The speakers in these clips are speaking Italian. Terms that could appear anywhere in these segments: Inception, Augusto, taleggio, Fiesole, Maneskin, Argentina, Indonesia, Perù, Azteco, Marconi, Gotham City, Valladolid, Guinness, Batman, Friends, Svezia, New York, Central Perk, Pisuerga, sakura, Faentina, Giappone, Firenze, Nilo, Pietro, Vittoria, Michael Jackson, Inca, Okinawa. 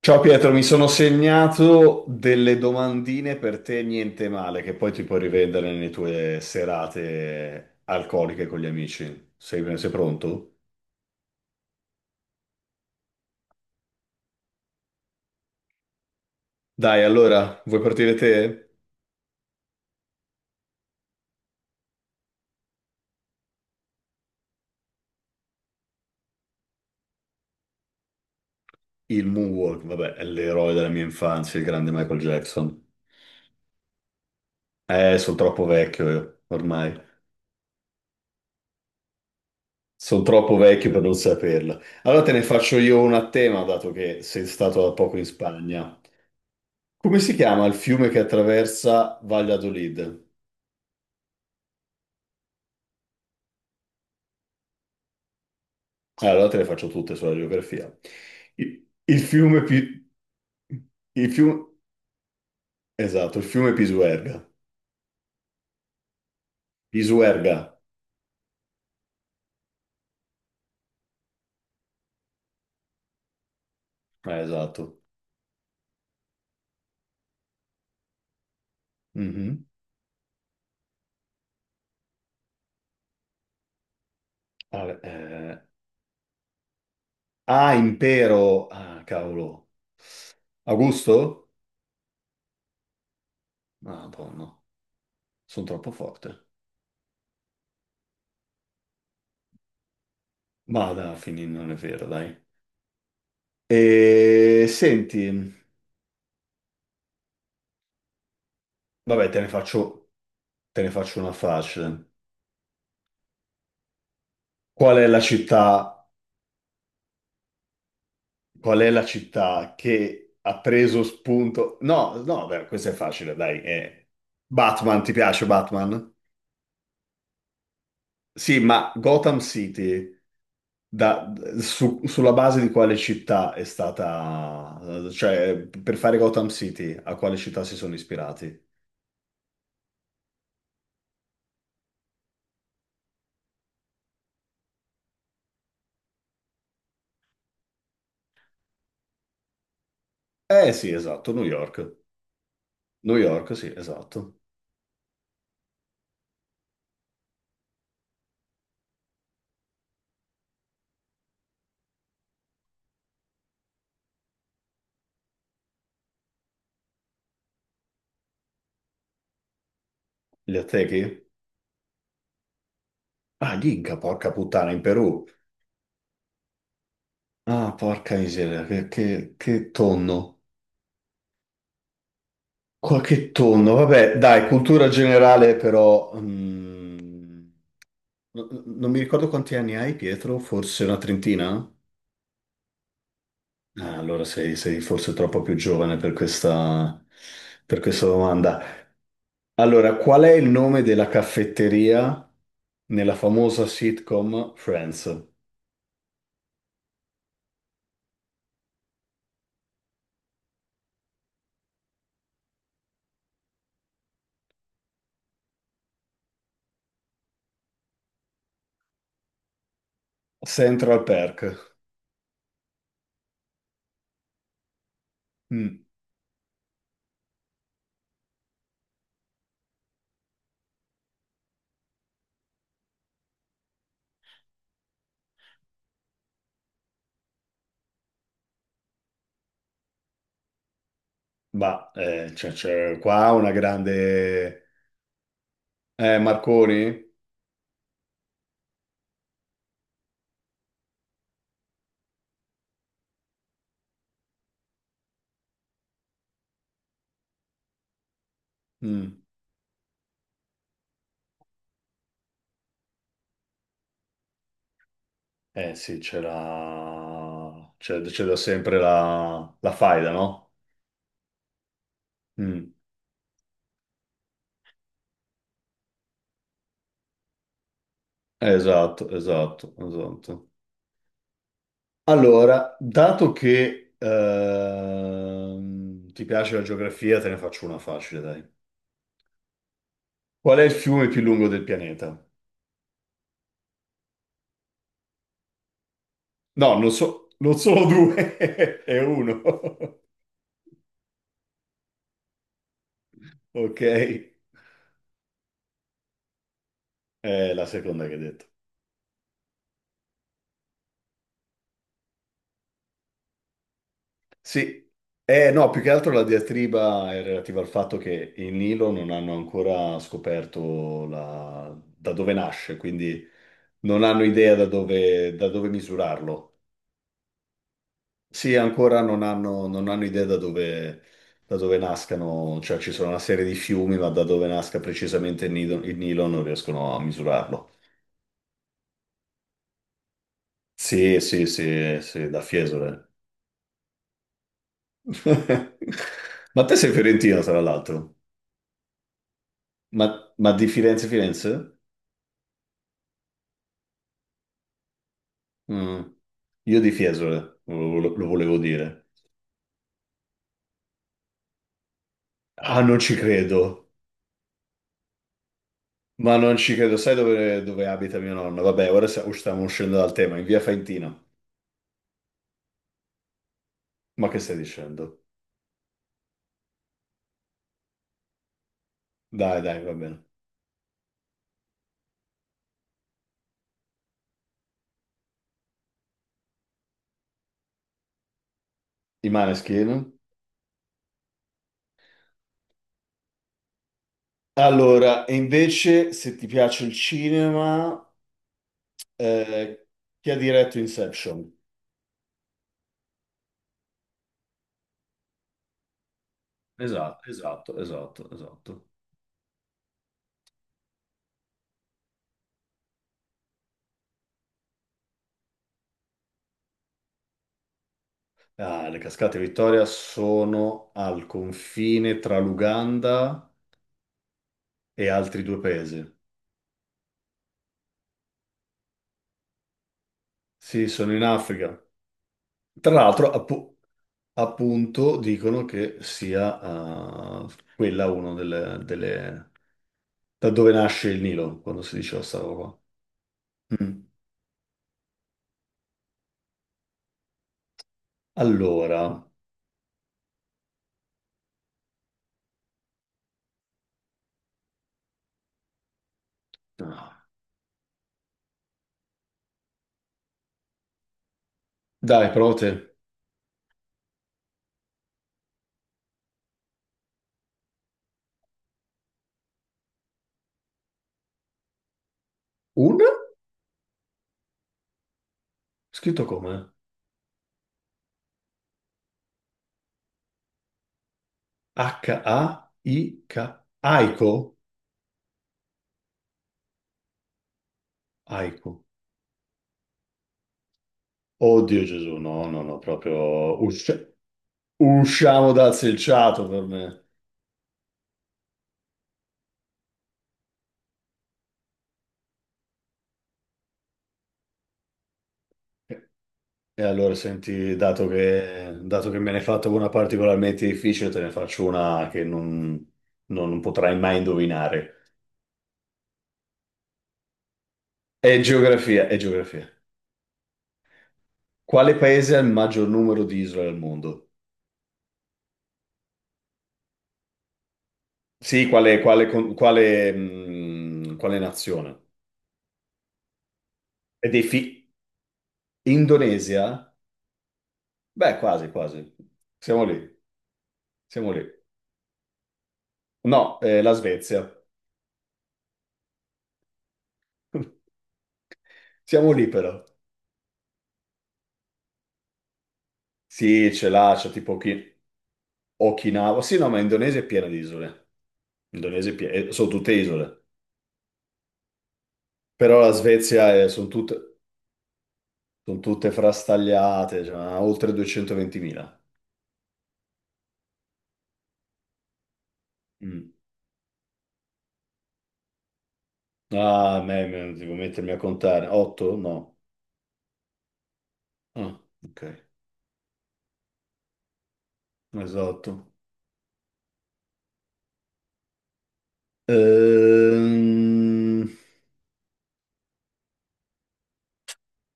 Ciao Pietro, mi sono segnato delle domandine per te, niente male, che poi ti puoi rivendere nelle tue serate alcoliche con gli amici. Sei pronto? Dai, allora, vuoi partire te? Il Moonwalk, vabbè, è l'eroe della mia infanzia, il grande Michael Jackson. Sono troppo vecchio io, ormai. Sono troppo vecchio per non saperla. Allora te ne faccio io una a tema, dato che sei stato da poco in Spagna. Come si chiama il fiume che attraversa Valladolid? Allora te le faccio tutte sulla geografia. Il fiume più. Il fiume. Esatto, il fiume Pisuerga. Pisuerga. Ah, esatto. Mhm. Vabbè, eh, Ah, impero. Ah, cavolo. Augusto? Ah, buono. Sono troppo forte. Ma dai, fini, non è vero, dai. E senti, vabbè, te ne faccio una facile. Qual è la città. Qual è la città che ha preso spunto? No, no, beh, questo è facile, dai. Batman, ti piace Batman? Sì, ma Gotham City, da- sulla base di quale città è stata. Cioè, per fare Gotham City, a quale città si sono ispirati? Eh sì, esatto, New York. New York, sì, esatto. Gli Aztechi? Ah, gli Inca, porca puttana, in Perù. Ah, porca miseria, che tonno. Qualche tonno, vabbè, dai, cultura generale però, non mi ricordo quanti anni hai, Pietro, forse una trentina? Ah, allora sei forse troppo più giovane per questa domanda. Allora, qual è il nome della caffetteria nella famosa sitcom Friends? Central Perk. Mm, bah, c'è qua una grande. Marconi? Mm. Eh sì, c'è da sempre la faida, no? Mm. Esatto, esatto, esatto. Allora, dato che ti piace la geografia, te ne faccio una facile, dai. Qual è il fiume più lungo del pianeta? No, non so, non sono due, è uno. Ok, è la seconda che hai detto. Sì, no, più che altro la diatriba è relativa al fatto che il Nilo non hanno ancora scoperto da dove nasce, quindi non hanno idea da dove misurarlo. Sì, ancora non hanno idea da dove nascano, cioè ci sono una serie di fiumi, ma da dove nasca precisamente il Nilo non riescono a misurarlo. Sì, sì, sì, sì, da Fiesole. Ma te sei fiorentino, tra l'altro. Ma, ma di Firenze, Firenze? Mm. Io di Fiesole, lo volevo dire. Ah, non ci credo. Ma non ci credo. Sai dove abita mio nonno? Vabbè, ora stiamo uscendo dal tema, in via Faentina. Ma che stai dicendo? Dai, dai, va bene. I Maneskin? Allora, e invece, se ti piace il cinema, eh, chi ha diretto Inception? Esatto, esatto, esatto, esatto. Ah, le cascate Vittoria sono al confine tra l'Uganda e altri due paesi. Sì, sono in Africa. Tra l'altro, appunto, dicono che sia quella una delle da dove nasce il Nilo, quando si diceva sta roba qua. Mm. Allora, dai, prova te. Un? Scritto come? H-A-I-K. Aiko? Aiko. Oddio Gesù, no, no, no, proprio usciamo dal selciato per me. E allora senti, dato che me ne hai fatto una particolarmente difficile, te ne faccio una che non potrai mai indovinare. È geografia, è geografia. Quale paese ha il maggior numero di isole al mondo? Sì, quale nazione? E dei fi-. Indonesia? Beh, quasi, quasi. Siamo lì, siamo lì. No, la Svezia. Siamo lì però. Sì, ce l'ha, c'è tipo Okinawa. Sì, no, ma Indonesia è piena di isole. Indonesia, sono tutte isole, però la Svezia son tutte frastagliate, cioè, ha oltre 220.000. Mm. Ah, a me devo mettermi a contare. 8? No. Ah, ok, esatto. Ehm,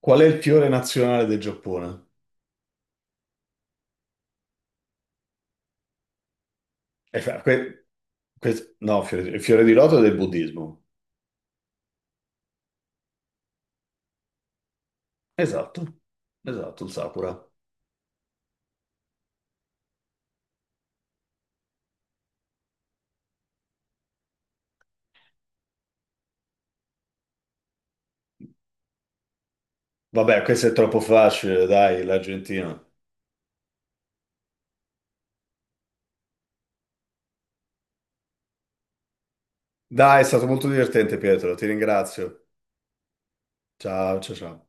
qual è il fiore nazionale del Giappone? Eh, fa- que- no, il fiore di loto è del buddismo. Esatto, esatto, il sakura. Vabbè, questo è troppo facile, dai, l'Argentina. Dai, è stato molto divertente, Pietro, ti ringrazio. Ciao, ciao, ciao.